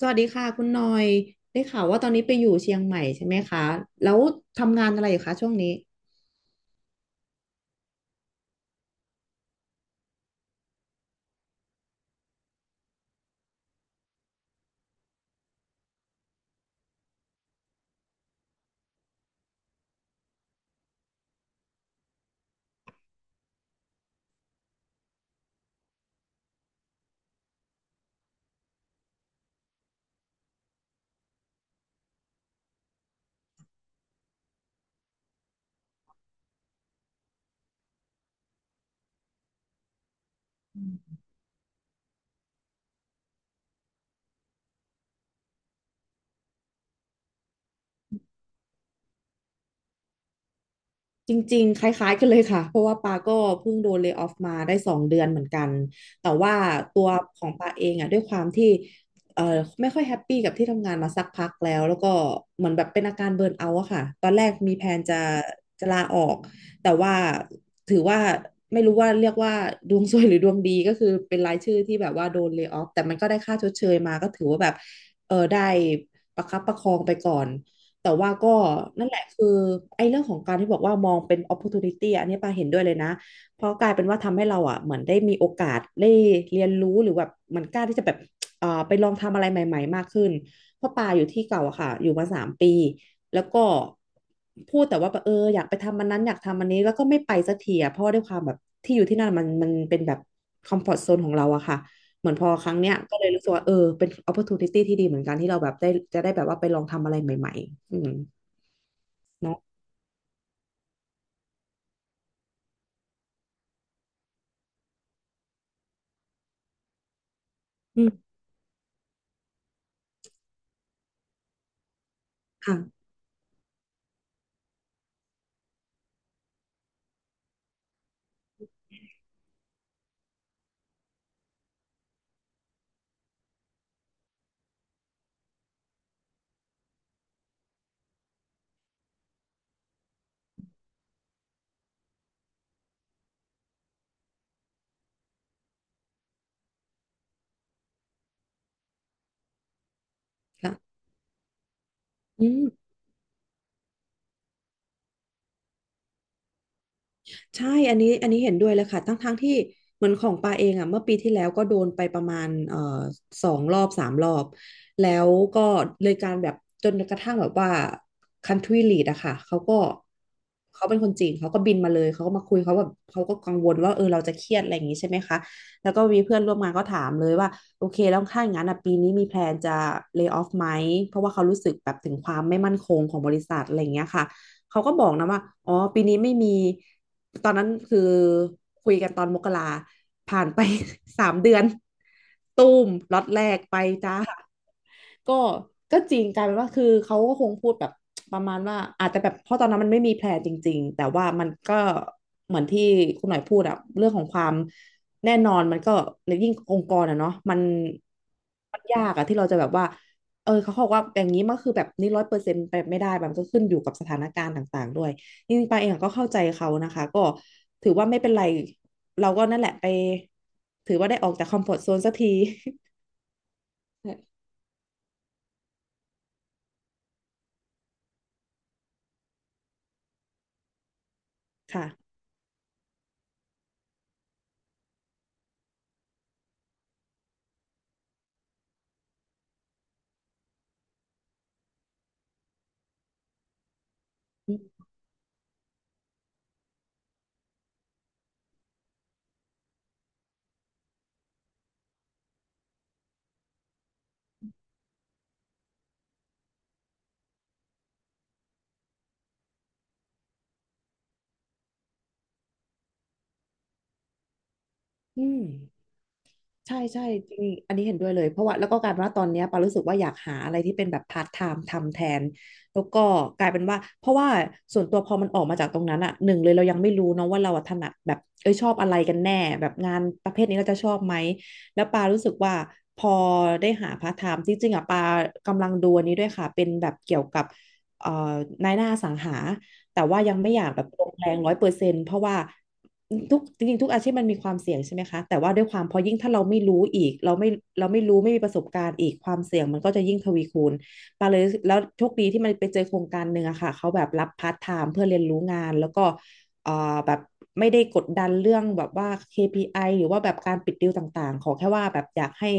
สวัสดีค่ะคุณหน่อยได้ข่าวว่าตอนนี้ไปอยู่เชียงใหม่ใช่ไหมคะแล้วทำงานอะไรอยู่คะช่วงนี้ จริงๆคล้ายๆกันเลยค่ะเพราะว่าปาก็เพิ่งโดนเล y o ออฟมาได้2 เดือนเหมือนกันแต่ว่าตัวของปาเองอ่ะด้วยความที่ไม่ค่อยแฮปปี้กับที่ทำงานมาสักพักแล้วแล้วก็เหมือนแบบเป็นอาการเบิร์นเอาท์อะค่ะตอนแรกมีแผนจะลาออกแต่ว่าถือว่าไม่รู้ว่าเรียกว่าดวงซวยหรือดวงดีก็คือเป็นรายชื่อที่แบบว่าโดนเล y o ออฟแต่มันก็ได้ค่าชดเชยมาก็ถือว่าแบบเออได้ประคับประคองไปก่อน แต่ว่าก็นั่นแหละคือไอ้เรื่องของการที่บอกว่ามองเป็น opportunity อะอันนี้ปาเห็นด้วยเลยนะเพราะกลายเป็นว่าทำให้เราอ่ะเหมือนได้มีโอกาสได้เรียนรู้หรือแบบเหมันกล้าที่จะแบบไปลองทำอะไรใหม่ๆมากขึ้นเพราะปาอยู่ที่เก่าอะค่ะอยู่มา3 ปีแล้วก็พูดแต่ว่าแบบเอออยากไปทำอันนั้นอยากทำอันนี้แล้วก็ไม่ไปสักทีอะเพราะว่าด้วยความแบบที่อยู่ที่นั่นมันเป็นแบบคอมฟอร์ z โซนของเราอะค่ะ เหมือนพอครั้งเนี้ยก็เลยรู้สึกว่าเออเป็น opportunity ที่ดีเหมือนกันที่เราแบบได้จะได้แบบว่าไปลองทำอะไรใหม่ๆอืมเนาะอืมค่ะค่ะอืม ใช่อันนี้เห็นด้วยเลยค่ะทั้งที่เหมือนของปาเองอ่ะเมื่อปีที่แล้วก็โดนไปประมาณ2 รอบ 3 รอบ แล้วก็เลยการแบบจนกระทั่งแบบว่า country lead อะค่ะเขาก็เขาเป็นคนจีนเขาก็บินมาเลยเขาก็มาคุยเขาแบบเขาก็กังวลว่าเออเราจะเครียดอะไรอย่างนี้ใช่ไหมคะแล้วก็มีเพื่อนร่วมงานก็ถามเลยว่าโอเคแล้วถ้าอย่างนั้นอ่ะปีนี้มีแพลนจะ lay off ไหมเพราะว่าเขารู้สึกแบบถึงความไม่มั่นคงของบริษัทอะไรอย่างเงี้ยค่ะเขาก็บอกนะว่าอ๋อปีนี้ไม่มี ตอนนั้นคือคุยกันตอนมกราผ่านไป 3 เดือนตูมล็อตแรกไปจ้า ก็ก็จริงกลายเป็นว่าคือเขาก็คงพูดแบบประมาณว่าอาจจะแบบเพราะตอนนั้นมันไม่มีแผลจริงๆแต่ว่ามันก็เหมือนที่คุณหน่อยพูดอะเรื่องของความแน่นอนมันก็แลยิ่งองค์กรอะเนาะมันยากอะที่เราจะแบบว่าเออเขาบอกว่าอย่างนี้มันคือแบบนี้ร้อยเปอร์เซ็นต์ไปไม่ได้มันก็ขึ้นอยู่กับสถานการณ์ต่างๆด้วยจริงๆปาเองก็เข้าใจเขานะคะก็ถือว่าไม่เป็นไรเราก็นั่นแหละไปถือว่าได้ออกจากคอมฟอร์ตโซนสักที ค่ะอืม ใช่ใช่จริงอันนี้เห็นด้วยเลยเพราะว่าแล้วก็กลายเป็นว่าตอนเนี้ยปารู้สึกว่าอยากหาอะไรที่เป็นแบบพาร์ทไทม์ทำแทนแล้วก็กลายเป็นว่าเพราะว่าส่วนตัวพอมันออกมาจากตรงนั้นอ่ะหนึ่งเลยเรายังไม่รู้เนาะว่าเราอะถนัดแบบเอ้ยชอบอะไรกันแน่แบบงานประเภทนี้เราจะชอบไหมแล้วปารู้สึกว่าพอได้หาพาร์ทไทม์จริงๆอ่ะปากำลังดูอันนี้ด้วยค่ะเป็นแบบเกี่ยวกับเอ่อนายหน้าอสังหา แต่ว่ายังไม่อยากแบบลงแรงร้อยเปอร์เซ็นต์เพราะว่าจริงๆทุกอาชีพมันมีความเสี่ยงใช่ไหมคะแต่ว่าด้วยความพอยิ่งถ้าเราไม่รู้อีกเราไม่รู้ไม่มีประสบการณ์อีกความเสี่ยงมันก็จะยิ่งทวีคูณปาเลยแล้วโชคดีที่มันไปเจอโครงการหนึ่งอะค่ะเขาแบบรับพาร์ทไทม์เพื่อเรียนรู้งานแล้วก็เอ่อแบบไม่ได้กดดันเรื่องแบบว่า KPI หรือว่าแบบการปิดดีลต่างๆขอแค่ว่าแบบอยากให้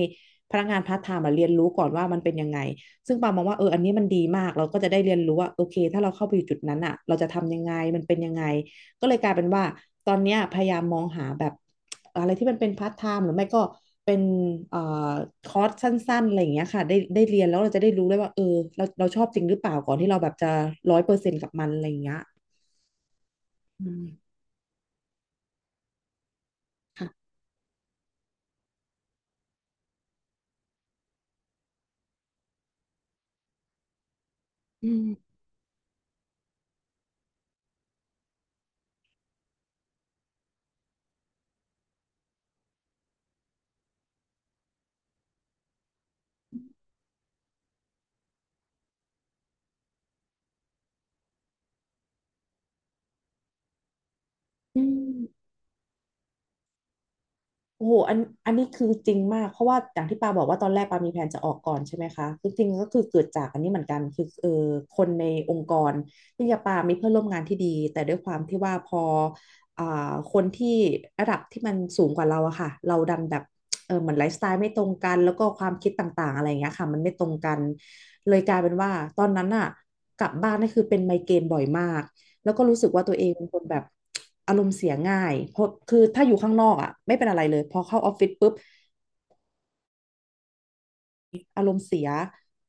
พนักงานพาร์ทไทม์มาเรียนรู้ก่อนว่ามันเป็นยังไง ซึ่งปามองว่าอันนี้มันดีมากเราก็จะได้เรียนรู้ว่าโอเคถ้าเราเข้าไปอยู่จุดนั้นอ่ะเราจะทำยังไงมันเป็นยังไงก็เลยกลายเป็นว่าตอนเนี้ยพยายามมองหาแบบอะไรที่มันเป็นพาร์ทไทม์หรือไม่ก็เป็นเอ่อคอร์สสั้นๆอะไรอย่างเงี้ยค่ะได้เรียนแล้วเราจะได้รู้ได้วยว่าเราชอบจริงหรือเปล่าก่อนที่เราแบบจะร้อยเปอร์เซ็นต์กับมันอะไรอย่างเงี้ยอืมค่ะอืมอืม โอ้โหอันนี้คือจริงมากเพราะว่าอย่างที่ปาบอกว่าตอนแรกปามีแผนจะออกก่อนใช่ไหมคะคือจริงๆก็คือเกิดจากอันนี้เหมือนกันคือคนในองค์กรที่ยาปามีเพื่อนร่วมงานที่ดีแต่ด้วยความที่ว่าพออ่คนที่ระดับที่มันสูงกว่าเราอะค่ะเราดันแบบเหมือนไลฟ์สไตล์ไม่ตรงกันแล้วก็ความคิดต่างๆอะไรอย่างเงี้ยค่ะมันไม่ตรงกันเลยกลายเป็นว่าตอนนั้นอะกลับบ้านนี่คือเป็นไมเกรนบ่อยมาก แล้วก็รู้สึกว่าตัวเองเป็นคนแบบอารมณ์เสียง่าย เพราะคือถ้าอยู่ข้างนอกอ่ะไม่เป็นอะไรเลยพอเข้าออฟฟิศปุ๊บ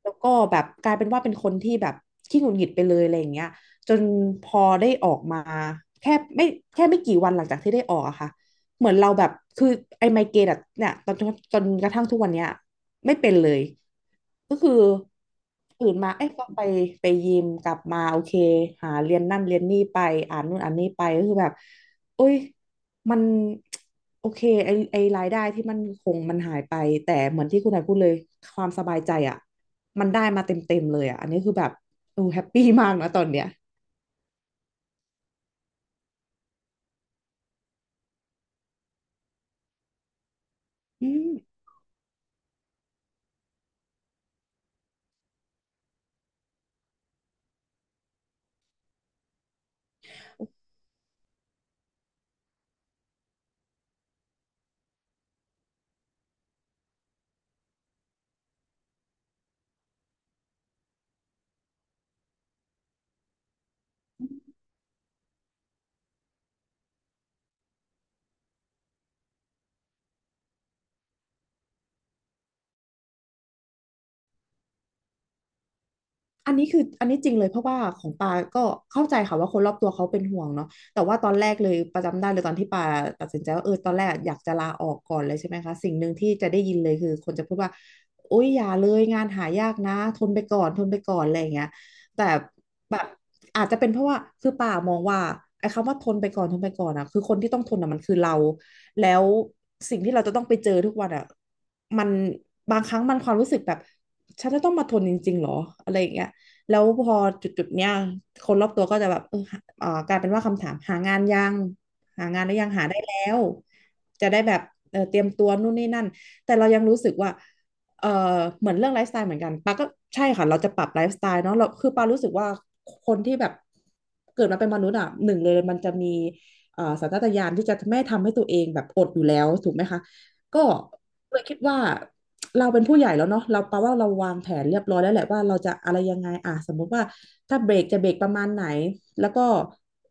แล้วก็แบบกลายเป็นว่าเป็นคนที่แบบขี้หงุดหงิดไปเลยอะไรอย่างเงี้ยจนพอได้ออกมาแค่ไม่แค่ไม่กี่วันหลังจากที่ได้ออกอะค่ะเหมือนเราแบบคือไอ้ไมเกรนอะเนี่ยตอนจนกระทั่งทุกวันเนี้ยไม่เป็นเลยก็คือตื่นมาเอ้ยก็ไปยิมกลับมาโอเคหาเรียนนั่นเรียนนี่ไปอ่านนู่นอ่านนี่ไปก็คือแบบโอ้ยมันโอเคไอรายได้ที่มันคงมันหายไปแต่เหมือนที่คุณนายพูดเลยความสบายใจอะ มันได้มาเต็มๆเลยอ่ะ อันนี้คือแบบโอ้แฮปปี้มากนะตอนเนี้ยอืม อันนี้จริงเลยเพราะว่าของปาก็เข้าใจค่ะว่าคนรอบตัวเขาเป็นห่วงเนาะแต่ว่าตอนแรกเลยประจำได้เลยตอนที่ปาตัดสินใจว่าตอนแรกอยากจะลาออกก่อนเลยใช่ไหมคะสิ่งหนึ่งที่จะได้ยินเลยคือคนจะพูดว่าโอ๊ยอย่าเลยงานหายากนะทนไปก่อนทนไปก่อนอะไรอย่างเงี้ยแต่แบบอาจจะเป็นเพราะว่าคือปามองว่าไอ้คำว่าทนไปก่อนทนไปก่อนอะคือคนที่ต้องทนอะมันคือเราแล้วสิ่งที่เราจะต้องไปเจอทุกวันอะมันบางครั้งมันความรู้สึกแบบฉันจะต้องมาทนจริงๆหรออะไรอย่างเงี้ย แล้วพอจุดๆเนี้ยคนรอบตัวก็จะแบบกลายเป็นว่าคำถามหางานยังหางานหรือยังหาได้แล้วจะได้แบบเตรียมตัวนู่นนี่นั่นแต่เรายังรู้สึกว่าเออเหมือนเรื่องไลฟ์สไตล์เหมือนกันปาก็ใช่ค่ะเราจะปรับไลฟ์สไตล์เนาะเราคือปารู้สึกว่าคนที่แบบเกิดมาเป็นมนุษย์อ่ะหนึ่งเลยมันจะมีสัญชาตญาณที่จะไม่ทำให้ตัวเองแบบอดอยู่แล้วถูกไหมคะก็เลยคิดว่า เราเป็นผู้ใหญ่แล้วเนาะเราแปลว่าเราวางแผนเรียบร้อยแล้วแหละว่าเราจะอะไรยังไงอ่ะสมมุติว่าถ้าเบรกจะเบรกประมาณไหนแล้วก็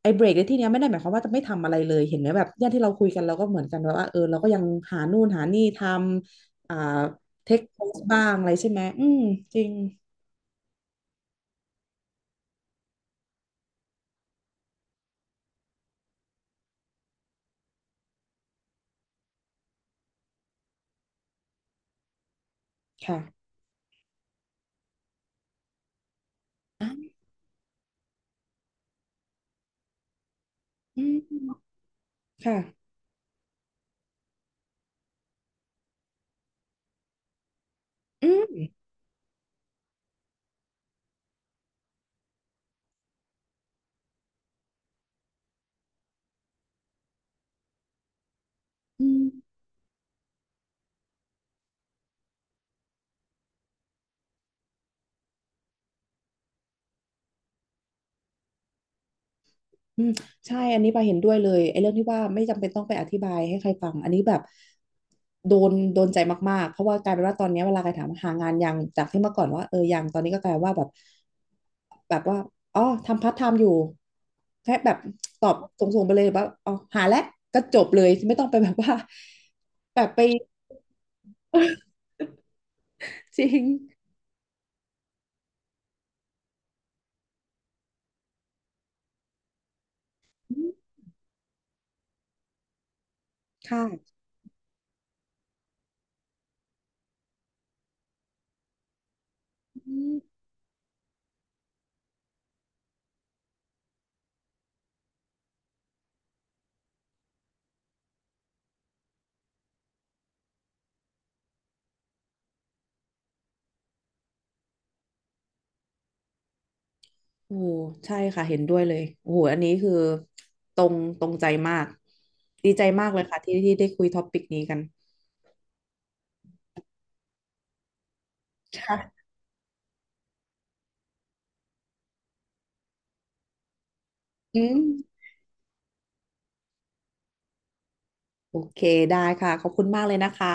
ไอ้เบรกในที่เนี้ยไม่ได้หมายความว่าจะไม่ทำอะไรเลยเห็นไหมแบบเนี่ยที่เราคุยกันเราก็เหมือนกันแบบว่าเราก็ยังหานู่นหานี่ทำอ่าเทคโพสบ้างอะไรใช่ไหมอืมจริงค่ะอ่ะอืมค่ะอืมอืม อืมใช่อันนี้ปาเห็นด้วยเลยไอ้เรื่องที่ว่าไม่จำเป็นต้องไปอธิบายให้ใครฟังอันนี้แบบโดนใจมากๆเพราะว่ากลายเป็นว่าตอนเนี้ยเวลาใครถามหางานยังจากที่เมื่อก่อนว่ายังตอนนี้ก็กลายว่าแบบแบบว่าอ๋อทำพาร์ทไทม์อยู่แค่แบบตอบส่งๆไปเลยว่าอ๋อหาแล้วก็จบเลยไม่ต้องไปแบบว่าแบบไป จริงอืมค่ะอืม โอ้ใช่ค่ะเห็นด้วยเลยโอ้โหอันนี้คือตรงตรงใจมากดีใจมากเลยค่ะที่ที่ได้คุยท็อปิกนี้กันค่ะอืมโอเคได้ค่ะขอบคุณมากเลยนะคะ